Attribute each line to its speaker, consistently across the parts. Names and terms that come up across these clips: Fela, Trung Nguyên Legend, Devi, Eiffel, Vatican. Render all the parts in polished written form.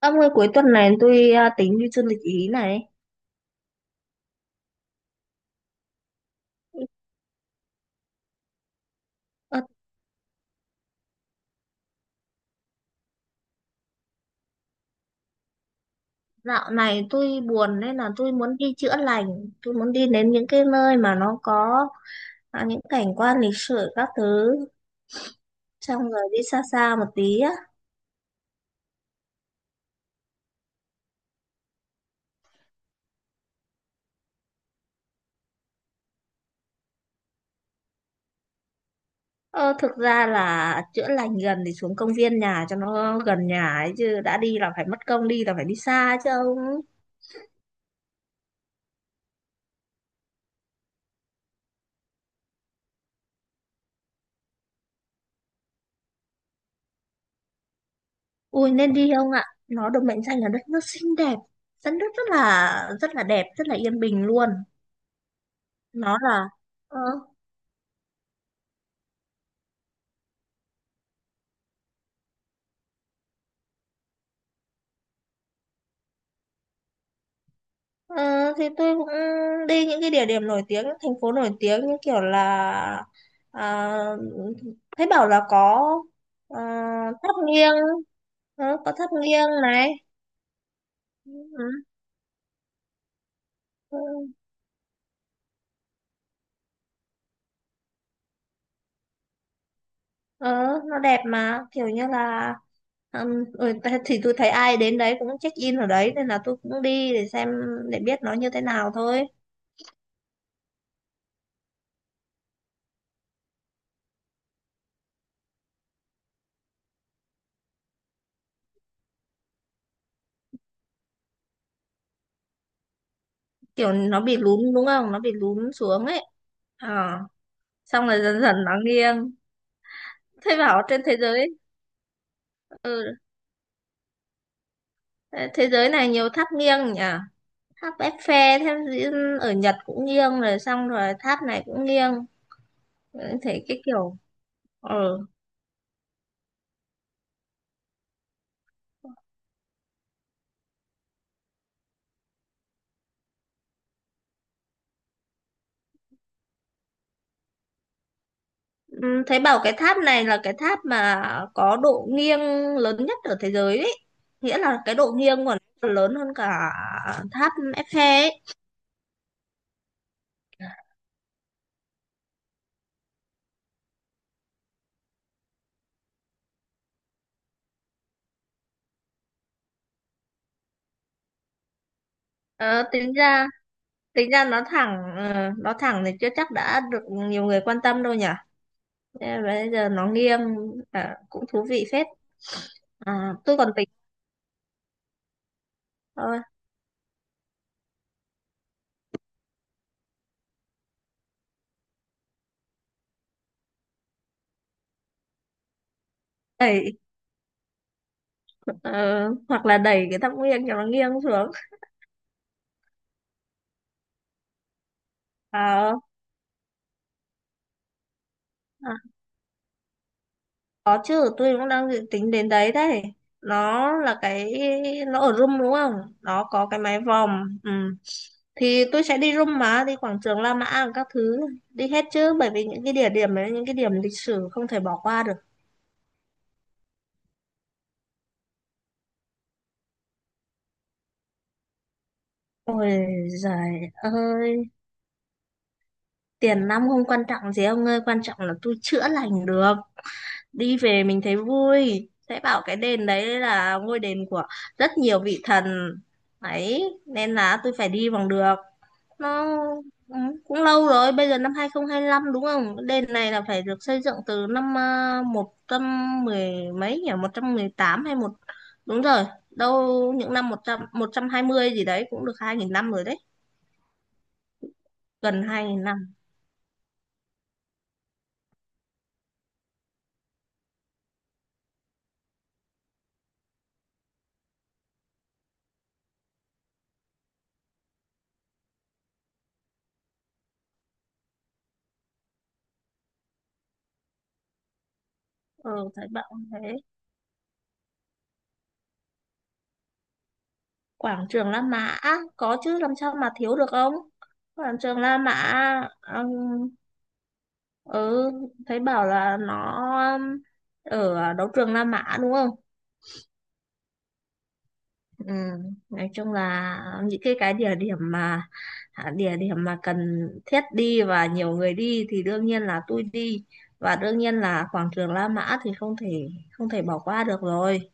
Speaker 1: Ông ơi cuối tuần này tôi tính đi du lịch Ý này. À, dạo này tôi buồn nên là tôi muốn đi chữa lành. Tôi muốn đi đến những cái nơi mà nó có những cảnh quan lịch sử các thứ. Xong rồi đi xa xa một tí á. Ờ, thực ra là chữa lành gần thì xuống công viên nhà cho nó gần nhà ấy, chứ đã đi là phải mất công, đi là phải đi xa chứ ông. Ui nên đi không ạ? Nó được mệnh danh là đất nước xinh đẹp. Đất nước rất là đẹp, rất là yên bình luôn. Nó là ờ, Ờ, thì tôi cũng đi những cái địa điểm nổi tiếng, những thành phố nổi tiếng như kiểu là à, thấy bảo là có ờ, tháp nghiêng, có tháp nghiêng này. Ừ, ừ, ờ, nó đẹp mà kiểu như là thì tôi thấy ai đến đấy cũng check in ở đấy nên là tôi cũng đi để xem, để biết nó như thế nào thôi. Kiểu nó bị lún đúng không? Nó bị lún xuống ấy. Ờ, xong rồi dần dần nó nghiêng. Thấy bảo trên ừ, thế giới này nhiều tháp nghiêng nhỉ. Tháp Eiffel, ở Nhật cũng nghiêng, rồi xong rồi tháp này cũng nghiêng. Thấy cái kiểu ờ ừ, Thấy bảo cái tháp này là cái tháp mà có độ nghiêng lớn nhất ở thế giới ấy, nghĩa là cái độ nghiêng của nó còn lớn hơn cả tháp Eiffel ấy. ờ, tính ra tính ra nó thẳng. Ờ, nó thẳng thì chưa chắc đã được nhiều người quan tâm đâu nhỉ. Thế mà bây giờ nó nghiêng, cũng thú vị phết. À, tôi còn tính thôi. Ờ, hoặc là đẩy cái tháp nghiêng cho nó nghiêng xuống. À, à, có chứ, tôi cũng đang dự tính đến đấy đấy. Nó là cái, nó ở room đúng không, nó có cái mái vòm. Ừ, thì tôi sẽ đi room mà đi quảng trường La Mã các thứ, đi hết chứ, bởi vì những cái địa điểm đấy, những cái điểm lịch sử không thể bỏ qua được. Ôi giời ơi, tiền nong không quan trọng gì ông ơi, quan trọng là tôi chữa lành được. Đi về mình thấy vui, sẽ bảo cái đền đấy là ngôi đền của rất nhiều vị thần ấy, nên là tôi phải đi bằng được nó. Ừ, cũng lâu rồi, bây giờ năm 2025 đúng không, đền này là phải được xây dựng từ năm một trăm mười mấy nhỉ, 118 hay một, đúng rồi, đâu những năm 100, 120 gì đấy, cũng được 2.000 năm rồi đấy, gần 2.000 năm. Ừ, thấy bảo thế. Quảng trường La Mã có chứ, làm sao mà thiếu được ông. Quảng trường La Mã, um, ừ, thấy bảo là nó um, ở đấu trường La Mã đúng không. Ừ, nói chung là những cái địa điểm mà địa điểm mà cần thiết đi và nhiều người đi thì đương nhiên là tôi đi, và đương nhiên là quảng trường La Mã thì không thể không thể bỏ qua được rồi.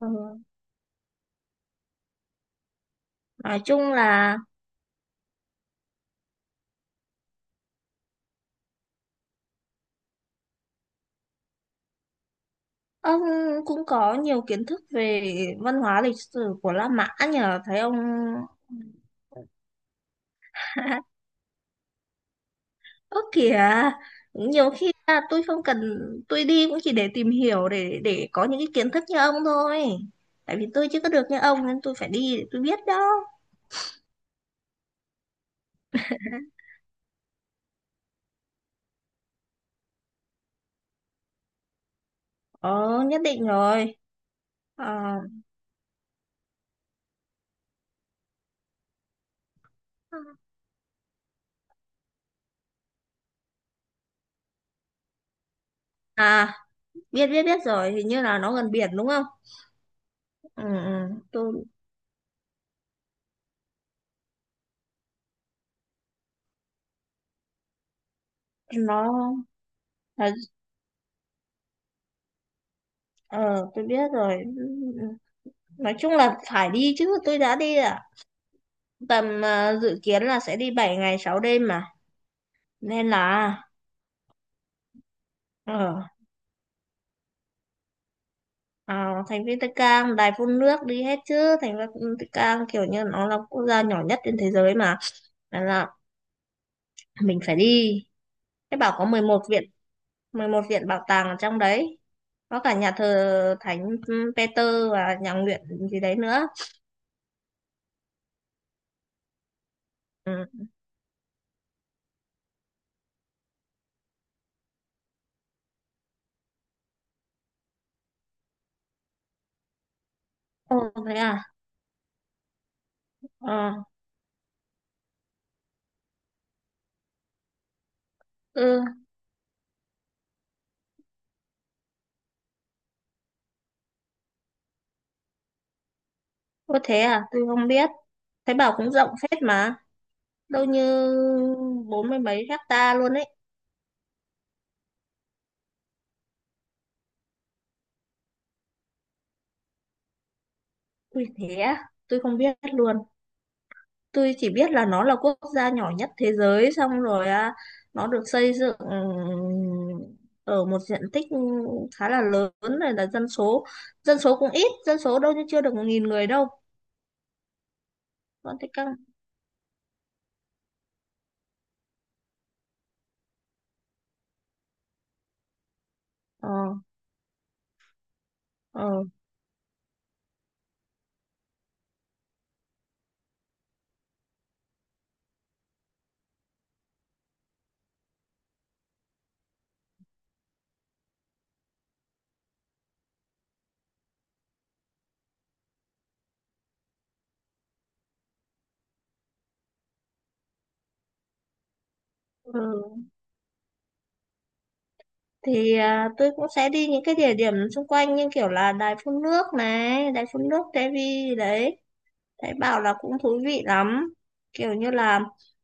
Speaker 1: Ừ. Nói chung là ông cũng có nhiều kiến thức về văn hóa lịch sử của La Mã nhờ thấy ông. Ớ kìa, nhiều khi là tôi không cần, tôi đi cũng chỉ để tìm hiểu, để có những cái kiến thức như ông thôi. Tại vì tôi chưa có được như ông nên tôi phải đi để tôi biết đó. Ờ, nhất định rồi. Ờ, à, biết biết biết rồi, hình như là nó gần biển đúng không. Ừ, ừ, tôi. Nó. Ờ, ờ, tôi biết rồi. Ừ, ừ. Nói chung là phải đi chứ, tôi đã đi tầm dự kiến là sẽ đi 7 ngày 6 đêm mà, nên là. Ờ, thành Vatican, đài phun nước, đi hết chứ. Thành Vatican kiểu như nó là quốc gia nhỏ nhất trên thế giới mà, nên là mình phải đi. Thế bảo có 11 viện, 11 viện bảo tàng ở trong đấy, có cả nhà thờ Thánh Peter và nhà nguyện gì đấy nữa. Ừ. Ồ thế à. Ờ. Ừ, có thế à, tôi không biết, thấy bảo cũng rộng phết mà, đâu như bốn mươi mấy hecta luôn ấy. Ui thế á, tôi không biết luôn. Tôi chỉ biết là nó là quốc gia nhỏ nhất thế giới, xong rồi nó được xây dựng, ở một diện tích khá là lớn, này là dân số, dân số cũng ít, dân số đâu như chưa được 1.000 người đâu. Vẫn thế căng. Ờ. Ờ. Ừ. Thì tôi cũng sẽ đi những cái địa điểm xung quanh như kiểu là đài phun nước này, đài phun nước Devi đấy, thấy bảo là cũng thú vị lắm, kiểu như là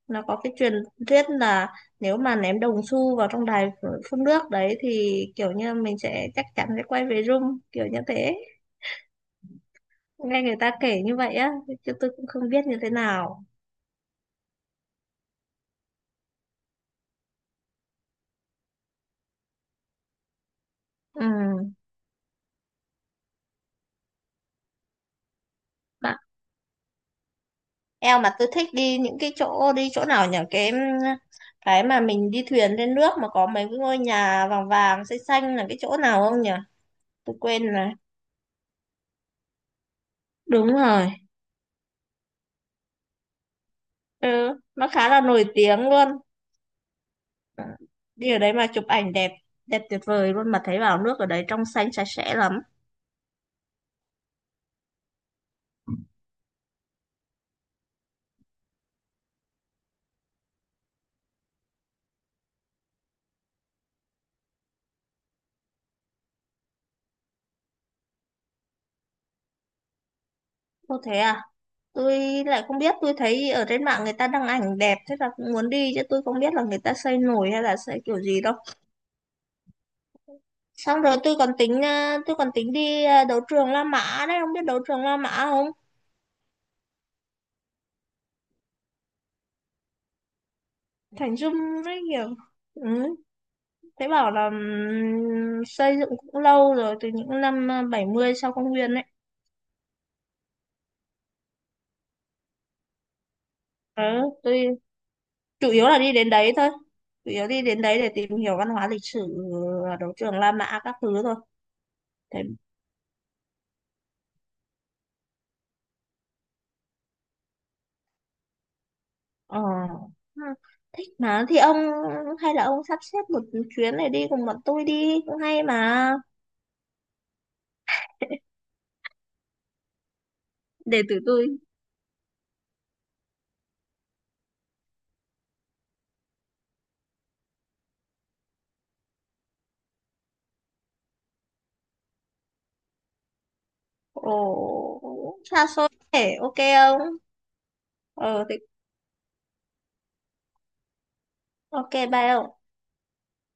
Speaker 1: nó có cái truyền thuyết là nếu mà ném đồng xu vào trong đài phun nước đấy thì kiểu như mình sẽ chắc chắn sẽ quay về rung, kiểu như thế. Nghe người ta kể như vậy á, chứ tôi cũng không biết như thế nào. Ừ, mà eo, mà tôi thích đi những cái chỗ, đi chỗ nào nhỉ, cái mà mình đi thuyền lên nước mà có mấy cái ngôi nhà vàng vàng xanh xanh là cái chỗ nào không nhỉ. Tôi quên rồi. Đúng rồi. Ừ. Nó khá là nổi tiếng luôn. Đi ở đấy mà chụp ảnh đẹp, đẹp tuyệt vời luôn, mà thấy bảo nước ở đấy trong xanh sạch sẽ lắm. Ô thế à, tôi lại không biết, tôi thấy ở trên mạng người ta đăng ảnh đẹp thế là cũng muốn đi, chứ tôi không biết là người ta xây nổi hay là xây kiểu gì đâu. Xong rồi tôi còn tính, tôi còn tính đi, đấu trường La Mã đấy, không biết đấu trường La Mã không. Thành Dung rất nhiều. Ừ, thế bảo là xây dựng cũng lâu rồi, từ những năm 70 sau công nguyên đấy. Ừ, tôi chủ yếu là đi đến đấy thôi, chủ yếu đi đến đấy để tìm hiểu văn hóa lịch sử, ờ, đấu trường La Mã các thứ thôi. Thế. Ờ, ừ, thích mà thì ông, hay là ông sắp xếp một chuyến này đi cùng bọn tôi đi cũng hay mà. Để tụi tôi. Ồ xa xôi thế, ok không. Ờ thì ok, bye ông.